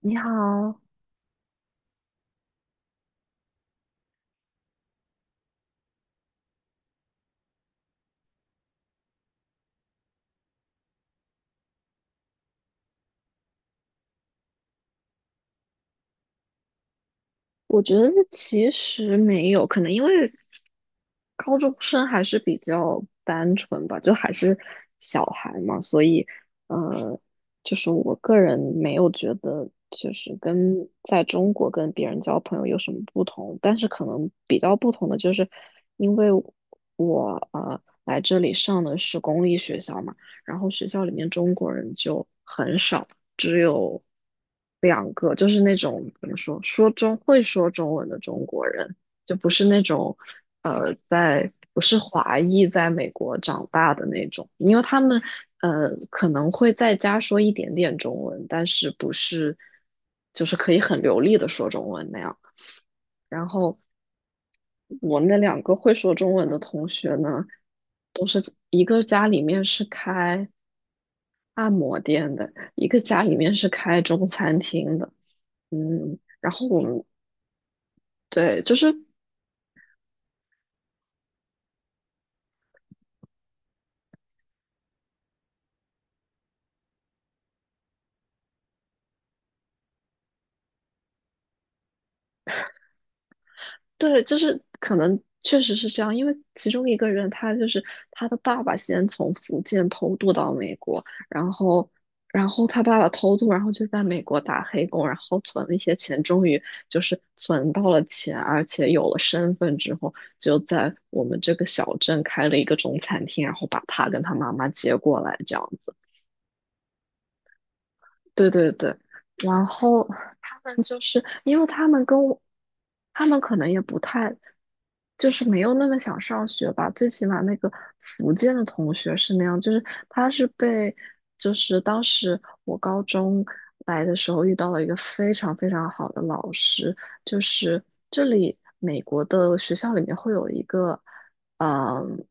你好，我觉得其实没有，可能因为高中生还是比较单纯吧，就还是小孩嘛，所以呃，就是我个人没有觉得就是跟在中国跟别人交朋友有什么不同，但是可能比较不同的就是因为我来这里上的是公立学校嘛，然后学校里面中国人就很少。只有两个，就是那种怎么说，说中会说中文的中国人，就不是那种在不是华裔在美国长大的那种，因为他们可能会在家说一点点中文，但是不是就是可以很流利的说中文那样。然后我那两个会说中文的同学呢，都是一个家里面是开按摩店的，一个家里面是开中餐厅的。嗯，然后我们对，就是对，就是可能确实是这样，因为其中一个人他就是他的爸爸先从福建偷渡到美国，然后他爸爸偷渡，然后就在美国打黑工，然后存了一些钱，终于就是存到了钱，而且有了身份之后，就在我们这个小镇开了一个中餐厅，然后把他跟他妈妈接过来，这样子。对对对，然后他们就是因为他们跟我，他们可能也不太，就是没有那么想上学吧。最起码那个福建的同学是那样，就是他是被，就是当时我高中来的时候遇到了一个非常非常好的老师，就是这里美国的学校里面会有一个。嗯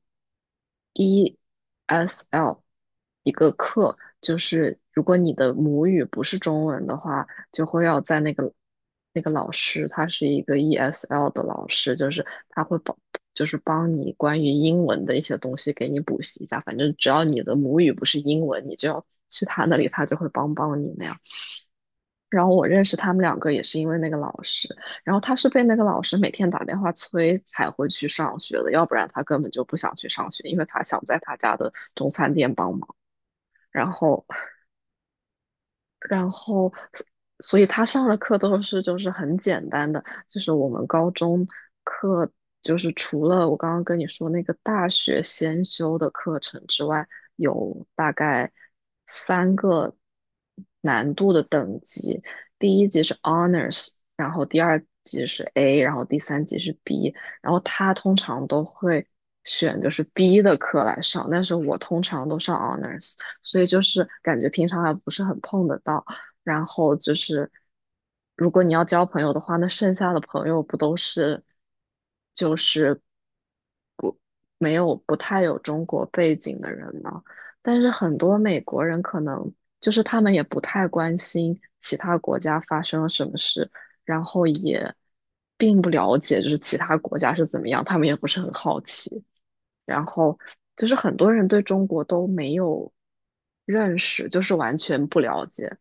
，ESL 一个课，就是如果你的母语不是中文的话，就会要在那个老师，他是一个 ESL 的老师，就是他会帮，就是帮你关于英文的一些东西给你补习一下。反正只要你的母语不是英文，你就要去他那里，他就会帮帮你那样。然后我认识他们两个也是因为那个老师，然后他是被那个老师每天打电话催才会去上学的，要不然他根本就不想去上学，因为他想在他家的中餐店帮忙。然后然后，所以他上的课都是就是很简单的，就是我们高中课，就是除了我刚刚跟你说那个大学先修的课程之外，有大概三个难度的等级，第一级是 Honors,然后第二级是 A,然后第三级是 B,然后他通常都会选就是 B 的课来上，但是我通常都上 Honors。所以就是感觉平常还不是很碰得到。然后就是，如果你要交朋友的话，那剩下的朋友不都是就是不没有不太有中国背景的人吗？但是很多美国人可能就是他们也不太关心其他国家发生了什么事，然后也并不了解就是其他国家是怎么样，他们也不是很好奇。然后就是很多人对中国都没有认识，就是完全不了解。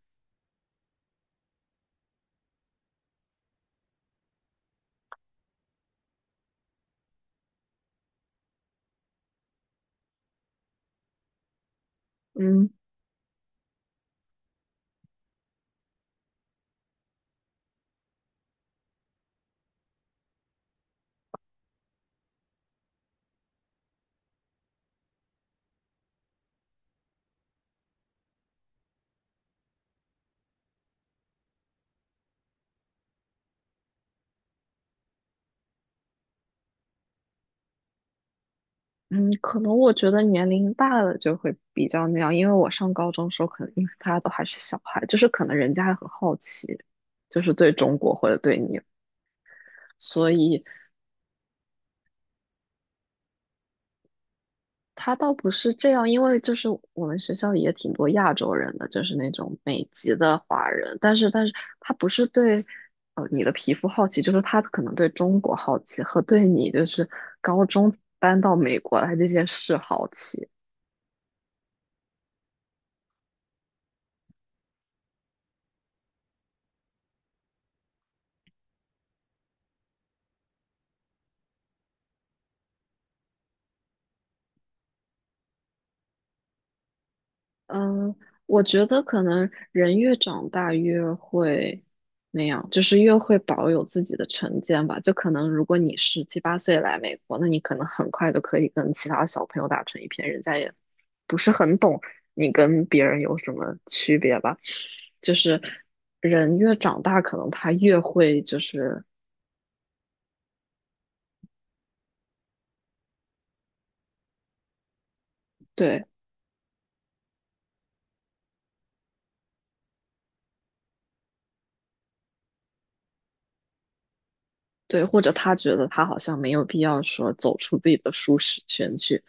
嗯嗯，可能我觉得年龄大了就会比较那样，因为我上高中的时候，可能因为大家都还是小孩，就是可能人家还很好奇，就是对中国或者对你，所以他倒不是这样，因为就是我们学校也挺多亚洲人的，就是那种美籍的华人，但是他不是对你的皮肤好奇，就是他可能对中国好奇和对你就是高中搬到美国来这件事好奇。嗯，我觉得可能人越长大越会那样，就是越会保有自己的成见吧。就可能如果你十七八岁来美国，那你可能很快就可以跟其他小朋友打成一片，人家也不是很懂你跟别人有什么区别吧。就是人越长大，可能他越会就是。对。对，或者他觉得他好像没有必要说走出自己的舒适圈去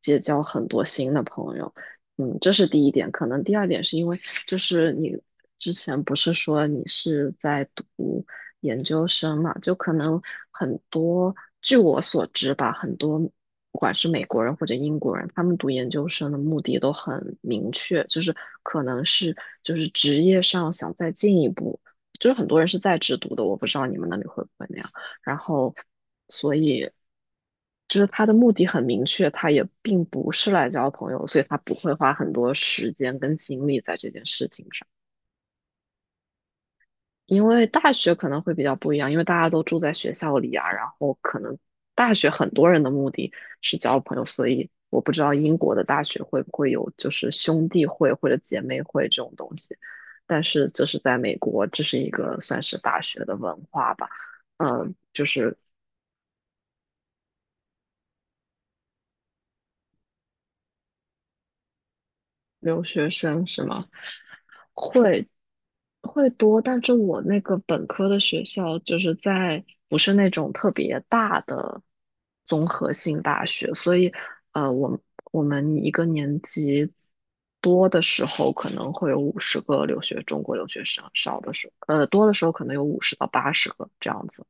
结交很多新的朋友，嗯，这是第一点。可能第二点是因为，就是你之前不是说你是在读研究生嘛，就可能很多，据我所知吧，很多不管是美国人或者英国人，他们读研究生的目的都很明确，就是可能是就是职业上想再进一步，就是很多人是在职读的，我不知道你们那里会不会那样。然后所以就是他的目的很明确，他也并不是来交朋友，所以他不会花很多时间跟精力在这件事情上。因为大学可能会比较不一样，因为大家都住在学校里啊，然后可能大学很多人的目的是交朋友，所以我不知道英国的大学会不会有就是兄弟会或者姐妹会这种东西，但是这是在美国，这是一个算是大学的文化吧。嗯，就是留学生是吗？会会多，但是我那个本科的学校就是在不是那种特别大的综合性大学，所以呃，我们我们一个年级多的时候可能会有50个中国留学生，少的时候多的时候可能有50到80个这样子。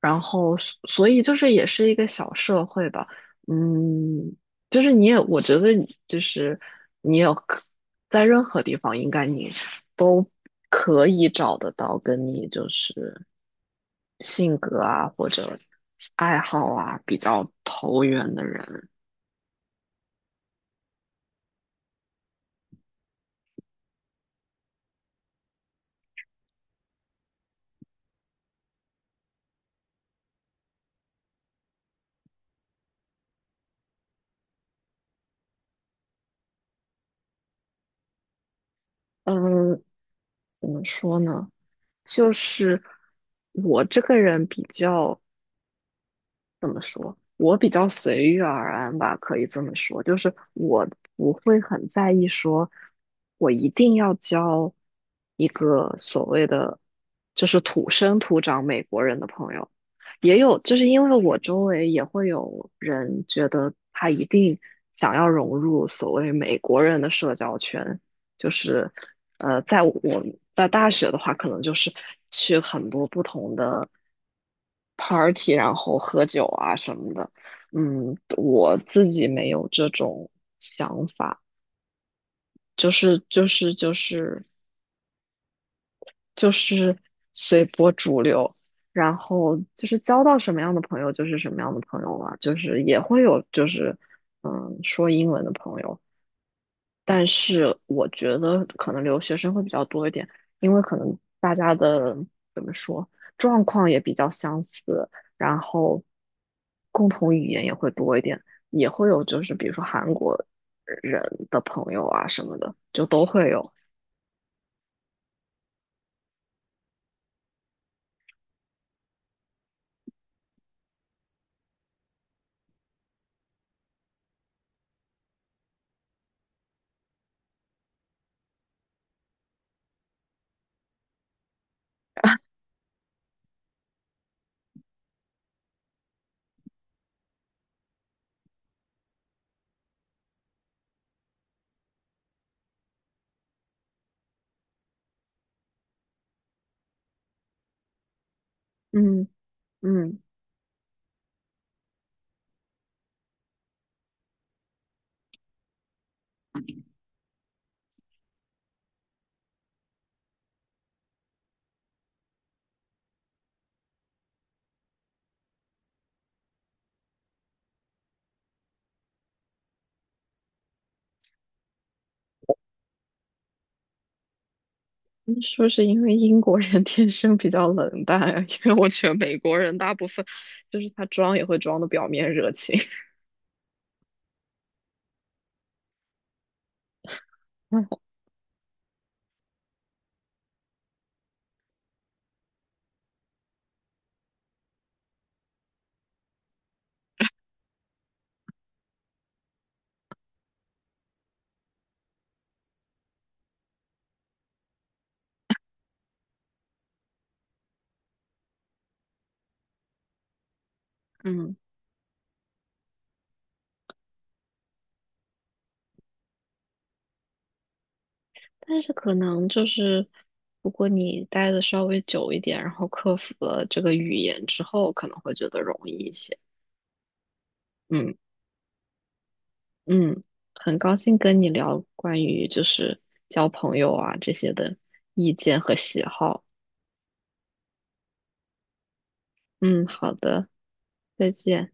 然后所以就是也是一个小社会吧，嗯，就是你也我觉得就是你有可在任何地方应该你可以找得到跟你就是性格啊或者爱好啊比较投缘的人，嗯，怎么说呢？就是我这个人比较。怎么说？我比较随遇而安吧，可以这么说。就是我不会很在意说，我一定要交一个所谓的就是土生土长美国人的朋友。也有，就是因为我周围也会有人觉得他一定想要融入所谓美国人的社交圈，就是在我在大学的话，可能就是去很多不同的 party,然后喝酒啊什么的。嗯，我自己没有这种想法，就是就是就是就是随波逐流，然后就是交到什么样的朋友就是什么样的朋友了，就是也会有就是说英文的朋友。但是我觉得可能留学生会比较多一点，因为可能大家的怎么说状况也比较相似，然后共同语言也会多一点，也会有就是比如说韩国人的朋友啊什么的，就都会有。嗯嗯，你是不是因为英国人 天生比较冷淡啊？因为我觉得美国人大部分就是他装也会装的表面热情。嗯。但是可能就是，如果你待的稍微久一点，然后克服了这个语言之后，可能会觉得容易一些。嗯嗯，很高兴跟你聊关于就是交朋友啊这些的意见和喜好。嗯，好的，再见。